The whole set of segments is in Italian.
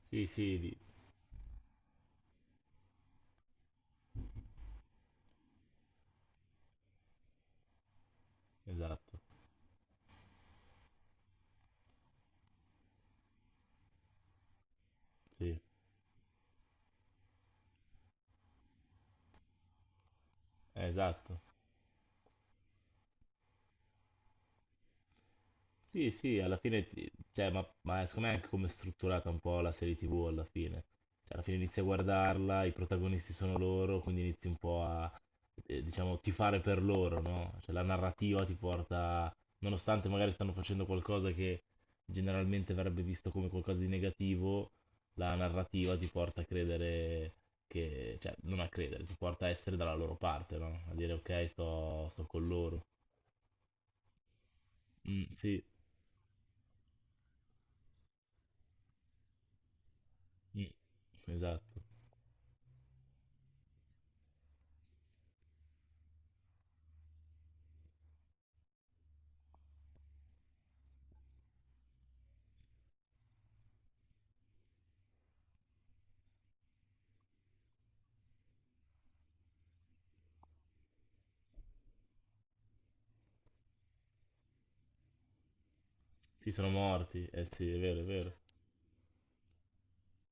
Sì, sì, esatto, sì, esatto. Sì, sì, alla fine, cioè, ma secondo me è anche come è strutturata un po' la serie TV alla fine. Cioè, alla fine inizi a guardarla, i protagonisti sono loro, quindi inizi un po' a, diciamo, tifare per loro, no? Cioè, la narrativa ti porta, nonostante magari stanno facendo qualcosa che generalmente verrebbe visto come qualcosa di negativo, la narrativa ti porta a credere che, cioè, non a credere, ti porta a essere dalla loro parte, no? A dire, ok, sto con loro. Mm, sì, mm, esatto. Sì, sono morti. Eh sì, è vero, è vero.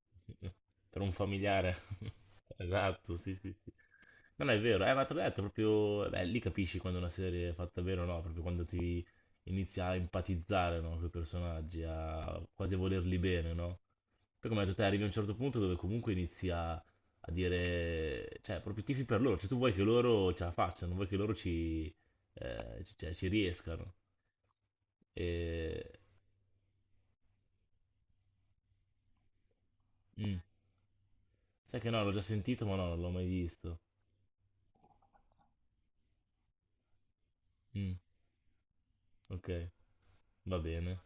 Per un familiare. Esatto, sì, sì, sì. Non è vero, ma te l'ho detto, proprio... Beh, lì capisci quando una serie è fatta bene o no, proprio quando ti inizia a empatizzare, no, con i personaggi, a quasi volerli bene, no? Poi come hai detto te, arrivi a un certo punto dove comunque inizi a, a dire... Cioè, proprio tifi per loro, cioè tu vuoi che loro ce la facciano, vuoi che loro ci, cioè, ci riescano. E... mm. Sai che no, l'ho già sentito, ma no, non l'ho mai visto. Mm, ok, va bene.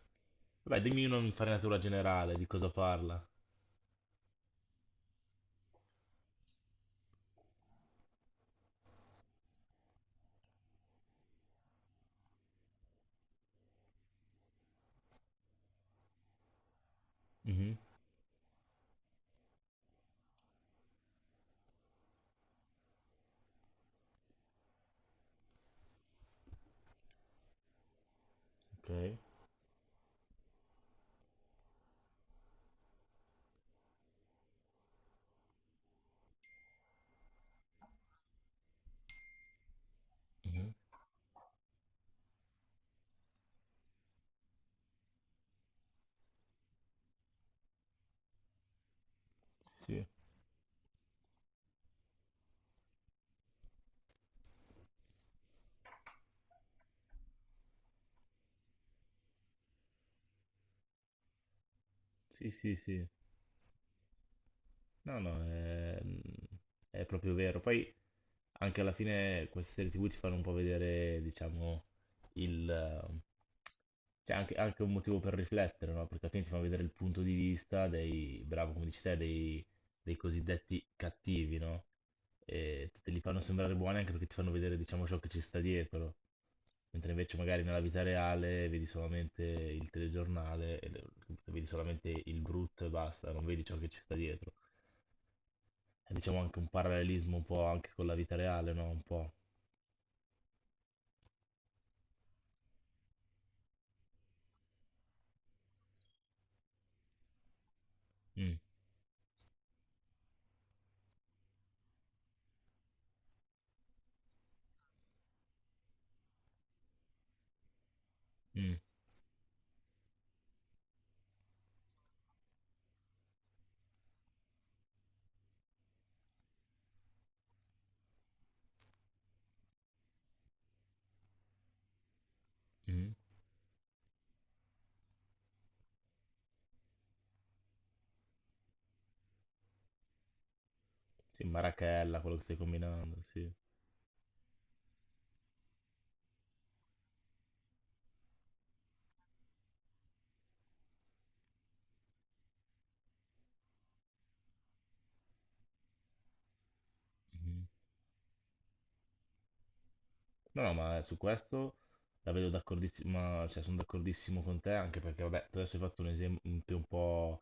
Dai, dimmi un'infarinatura generale di cosa parla. Mhm, ok. Mhm. Sì, sì, sì, sì. No, no, è proprio vero. Poi anche alla fine queste serie TV ti fanno un po' vedere, diciamo, il... eh, c'è anche, anche un motivo per riflettere, no? Perché alla fine ti fanno vedere il punto di vista dei, bravo, come dici te, dei, dei cosiddetti cattivi, no? E te li fanno sembrare buoni anche perché ti fanno vedere, diciamo, ciò che ci sta dietro. Mentre invece magari nella vita reale vedi solamente il telegiornale, e vedi solamente il brutto e basta, non vedi ciò che ci sta dietro è, diciamo anche un parallelismo un po' anche con la vita reale, no? Un po'. Mm, mm, mm. Sì, Marachella, quello che stai combinando, sì. Mhm. No, no, ma su questo la vedo d'accordissima, cioè sono d'accordissimo con te, anche perché, vabbè, tu adesso hai fatto un esempio un po',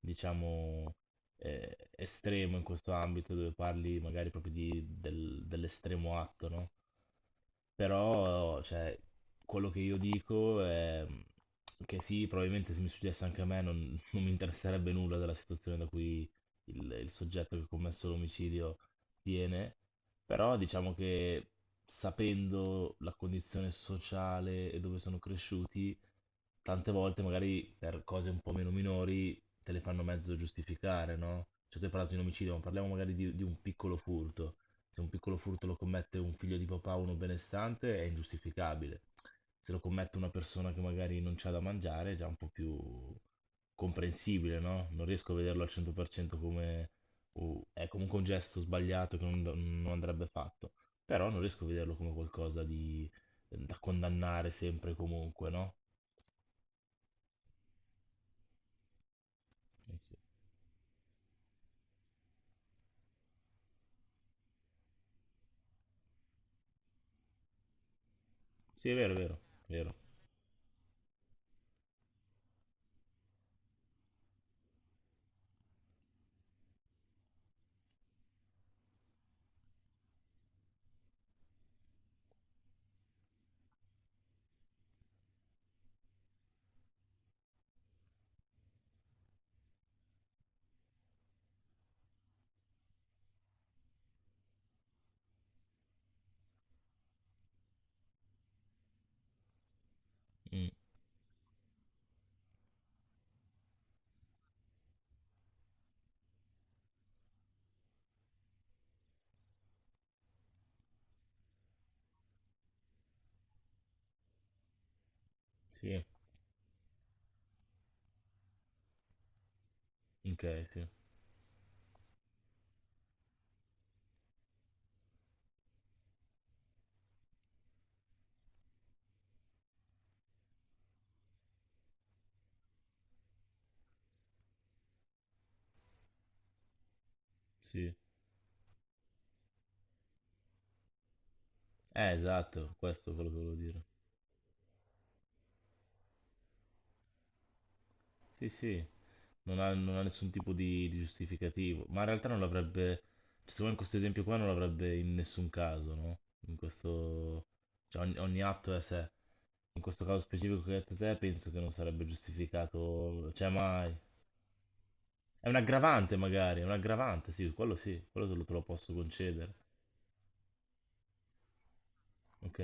diciamo, estremo in questo ambito, dove parli magari proprio dell'estremo atto, no? Però, cioè, quello che io dico è che sì, probabilmente se mi succedesse anche a me non, non mi interesserebbe nulla della situazione da cui il soggetto che ha commesso l'omicidio viene, però diciamo che sapendo la condizione sociale e dove sono cresciuti, tante volte magari per cose un po' meno minori te le fanno mezzo giustificare, no? Cioè tu hai parlato di un omicidio, ma parliamo magari di un piccolo furto. Se un piccolo furto lo commette un figlio di papà o uno benestante è ingiustificabile. Se lo commette una persona che magari non c'ha da mangiare è già un po' più comprensibile, no? Non riesco a vederlo al 100% come... è comunque un gesto sbagliato che non, non andrebbe fatto. Però non riesco a vederlo come qualcosa di... da condannare sempre e comunque, no? Eh sì, sì, è vero, è vero, è vero. Mm, sì, ok, sì, sì. Esatto, questo è quello che volevo dire. Sì, sì. Non ha, non ha nessun tipo di giustificativo, ma in realtà non l'avrebbe, cioè, secondo me in questo esempio qua non l'avrebbe in nessun caso, no? In questo, cioè ogni, ogni atto è a sé. In questo caso specifico che hai detto te, penso che non sarebbe giustificato, cioè mai. È un aggravante magari, è un aggravante, sì, quello te lo posso concedere, ok?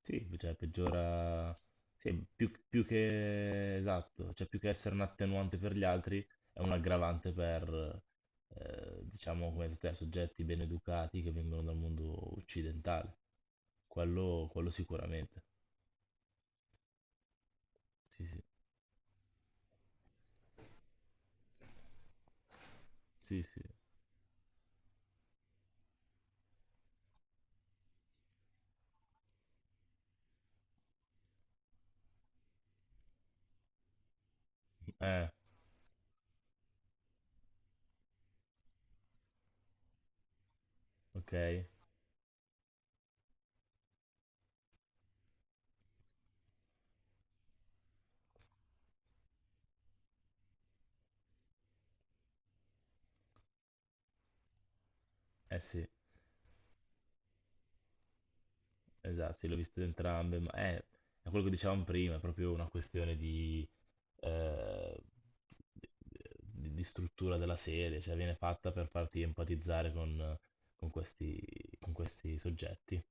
Sì, cioè peggiora, sì, più, più che esatto, cioè più che essere un attenuante per gli altri, è un aggravante per, diciamo, come tutti i soggetti ben educati che vengono dal mondo occidentale. Quello sicuramente. Sì, sì, sì, sì. Eh, ok, eh sì, esatto, sì, l'ho visto entrambe, ma è quello che dicevamo prima, è proprio una questione di eh, di, di struttura della serie, cioè viene fatta per farti empatizzare con questi, con questi soggetti.